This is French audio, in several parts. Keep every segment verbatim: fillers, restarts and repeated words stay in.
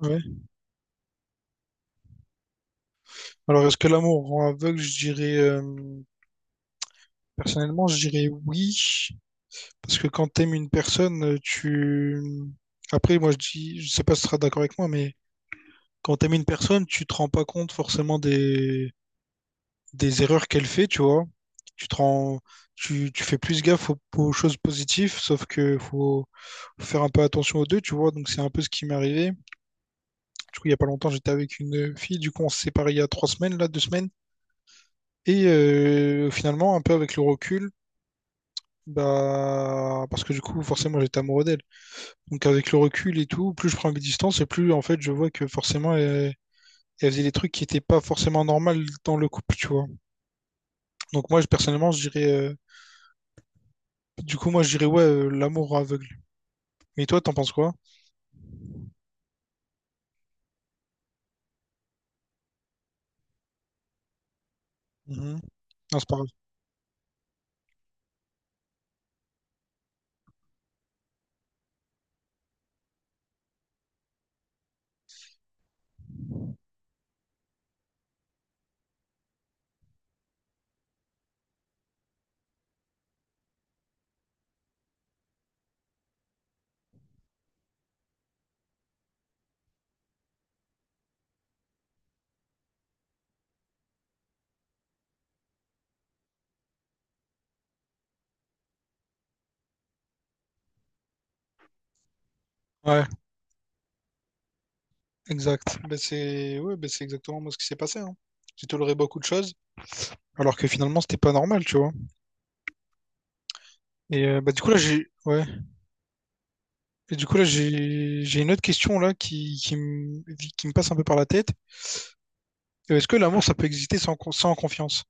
Ouais. Alors, est-ce que l'amour rend aveugle? Je dirais, euh, personnellement, je dirais oui. Parce que quand t'aimes une personne, euh, tu... Après, moi, je dis, je sais pas si tu seras d'accord avec moi, mais quand t'aimes une personne, tu te rends pas compte forcément des, des erreurs qu'elle fait, tu vois. Tu te rends, tu, tu fais plus gaffe aux, aux choses positives, sauf que faut faut faire un peu attention aux deux, tu vois. Donc, c'est un peu ce qui m'est arrivé. Du coup, il y a pas longtemps, j'étais avec une fille. Du coup, on s'est séparés il y a trois semaines, là, deux semaines. Et euh, finalement, un peu avec le recul, bah, parce que du coup, forcément, j'étais amoureux d'elle. Donc, avec le recul et tout, plus je prends mes distances et plus, en fait, je vois que forcément, elle, elle faisait des trucs qui n'étaient pas forcément normaux dans le couple, tu vois. Donc, moi, je- personnellement, je dirais, euh, du coup, moi, je dirais, ouais, euh, l'amour aveugle. Mais toi, t'en penses quoi? Mhm. Non, c'est pareil. Ouais, exact. Bah, c'est, ouais, bah, c'est exactement moi ce qui s'est passé, hein. J'ai toléré beaucoup de choses, alors que finalement, c'était pas normal, tu vois. Et euh, bah, du coup, là, j'ai, ouais. Et du coup, là, j'ai j'ai une autre question là qui, qui me, qui me passe un peu par la tête. Euh, Est-ce que l'amour, ça peut exister sans, con- sans confiance?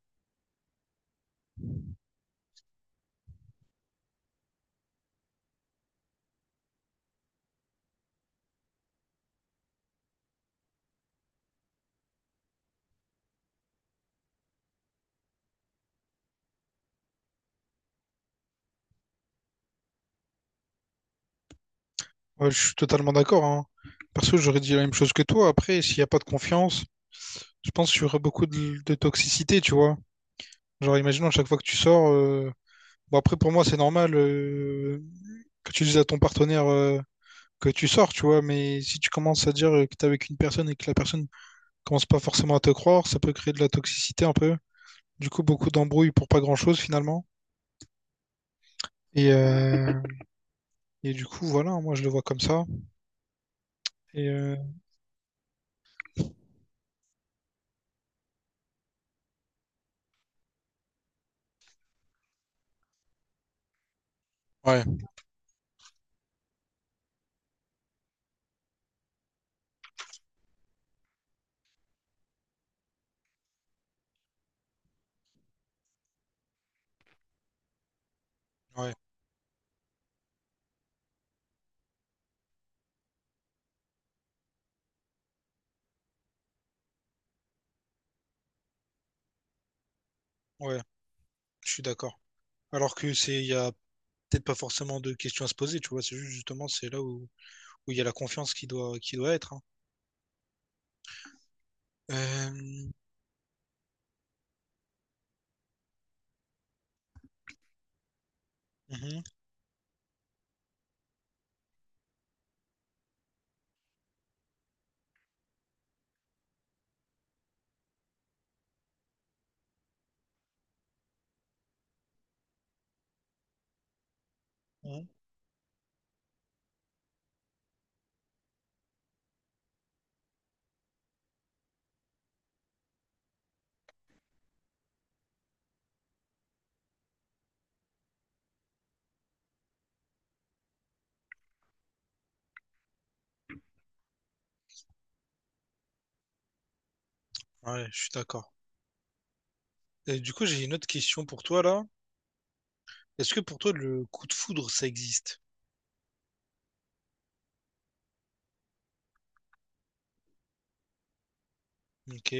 Ouais, je suis totalement d'accord, hein. Perso, j'aurais dit la même chose que toi. Après, s'il n'y a pas de confiance, je pense qu'il y aura beaucoup de, de toxicité, tu vois. Genre, imaginons à chaque fois que tu sors. euh, Bon, après, pour moi, c'est normal euh, que tu dises à ton partenaire euh, que tu sors, tu vois. Mais si tu commences à dire euh, que t'es avec une personne et que la personne commence pas forcément à te croire, ça peut créer de la toxicité un peu. Du coup, beaucoup d'embrouilles pour pas grand-chose finalement. Et, euh, et du coup, voilà, moi, je le vois comme ça. Et euh, ouais, ouais, ouais, je suis d'accord. Alors que c'est, il y a peut-être pas forcément de questions à se poser, tu vois. C'est juste justement, c'est là où où il y a la confiance qui doit qui doit être. Hein. Euh, mhm, mhm. Ouais, je suis d'accord. Et du coup, j'ai une autre question pour toi là. Est-ce que pour toi le coup de foudre ça existe? Ok.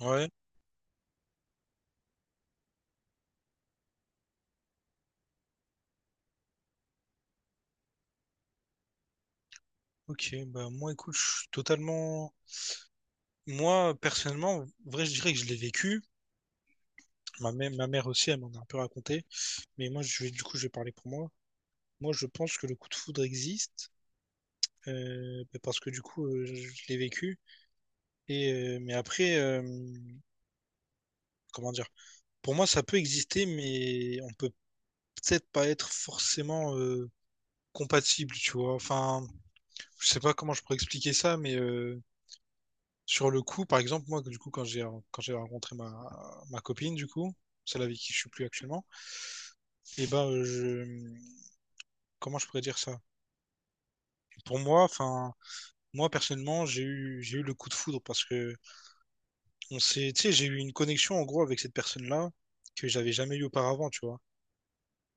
Ouais. Ok. Bah moi, écoute, je suis totalement. Moi, personnellement, en vrai, je dirais que je l'ai vécu. Ma mère, ma mère aussi, elle m'en a un peu raconté. Mais moi, je vais, du coup, je vais parler pour moi. Moi, je pense que le coup de foudre existe euh, bah, parce que du coup, euh, je je l'ai vécu. Et euh, mais après, euh, comment dire? Pour moi, ça peut exister, mais on peut peut-être pas être forcément euh, compatible, tu vois. Enfin. Je sais pas comment je pourrais expliquer ça, mais euh, sur le coup, par exemple, moi, du coup, quand j'ai quand j'ai rencontré ma, ma copine, du coup, celle avec qui je suis plus actuellement, et ben, euh, je, comment je pourrais dire ça? Pour moi, enfin, moi personnellement, j'ai eu j'ai eu le coup de foudre parce que on s'est, tu sais, j'ai eu une connexion en gros avec cette personne-là que j'avais jamais eu auparavant, tu vois.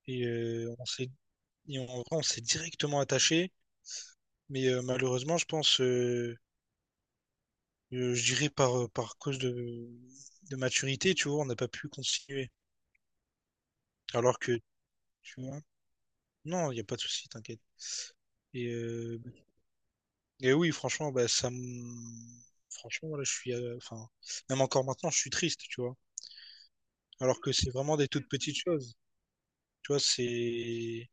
Et euh, on s'est, et en vrai, on s'est directement attaché, mais euh, malheureusement, je pense, euh, euh, je dirais par par cause de de maturité, tu vois, on n'a pas pu continuer. Alors que, tu vois, non, il n'y a pas de souci, t'inquiète. Et, euh, et oui, franchement, bah, ça me... Franchement, voilà, je suis... euh, Enfin, même encore maintenant, je suis triste, tu vois. Alors que c'est vraiment des toutes petites choses. Tu vois, c'est...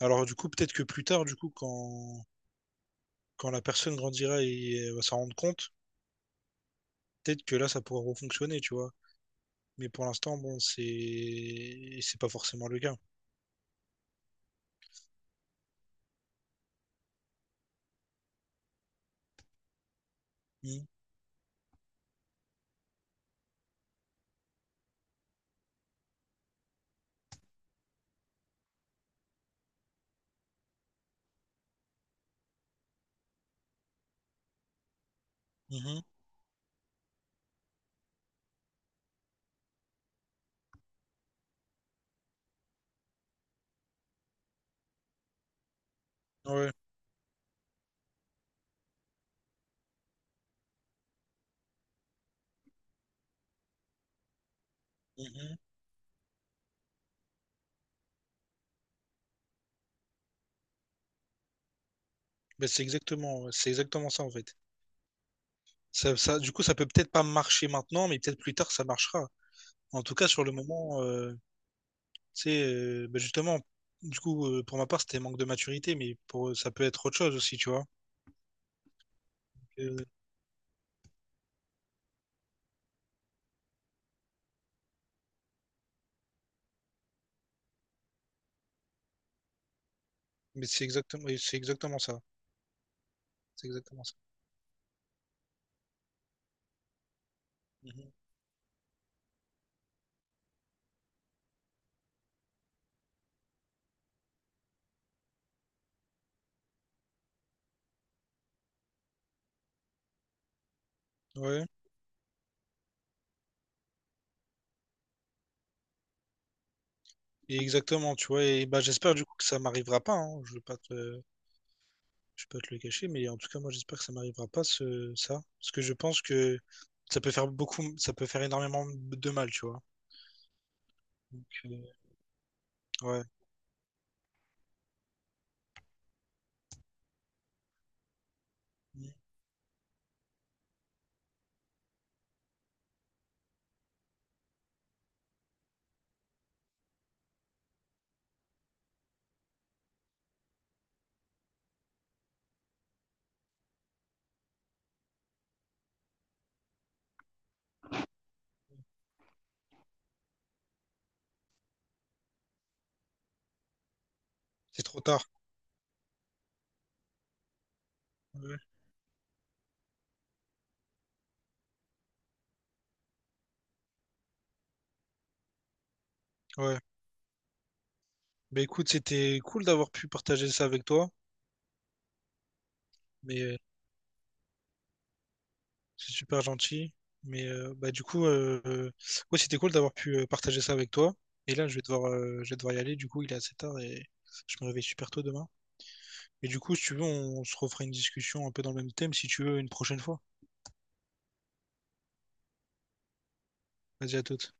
Alors du coup, peut-être que plus tard, du coup, quand, quand la personne grandira et euh, va s'en rendre compte, peut-être que là, ça pourra refonctionner, tu vois. Mais pour l'instant, bon, c'est... C'est pas forcément le cas. Mhm. Mhm. Ouais. Mhm. Bah, c'est exactement, ouais, c'est exactement ça, en fait. Ça, ça, du coup, ça peut peut-être pas marcher maintenant, mais peut-être plus tard, ça marchera. En tout cas, sur le moment, euh, tu sais, euh, bah, justement, du coup, euh, pour ma part, c'était manque de maturité, mais pour, ça peut être autre chose aussi, tu vois. Euh, mais c'est exactement, et c'est exactement ça. C'est exactement ça. Mhm. Ouais, et exactement, tu vois. Et bah, j'espère du coup que ça m'arrivera pas. Hein. Je veux pas te, Je peux te le cacher, mais en tout cas, moi, j'espère que ça m'arrivera pas, ce, ça. Parce que je pense que ça peut faire beaucoup, ça peut faire énormément de mal, tu vois. Donc, euh, ouais, c'est trop tard. Ouais. ouais. Bah, écoute, c'était cool d'avoir pu partager ça avec toi, mais euh, c'est super gentil. Mais euh, bah, du coup, euh, euh, ouais, c'était cool d'avoir pu euh, partager ça avec toi. Et là, je vais devoir, euh, je vais devoir y aller. Du coup, il est assez tard et je me réveille super tôt demain. Et du coup, si tu veux, on, se refera une discussion un peu dans le même thème, si tu veux, une prochaine fois. Vas-y, à toute.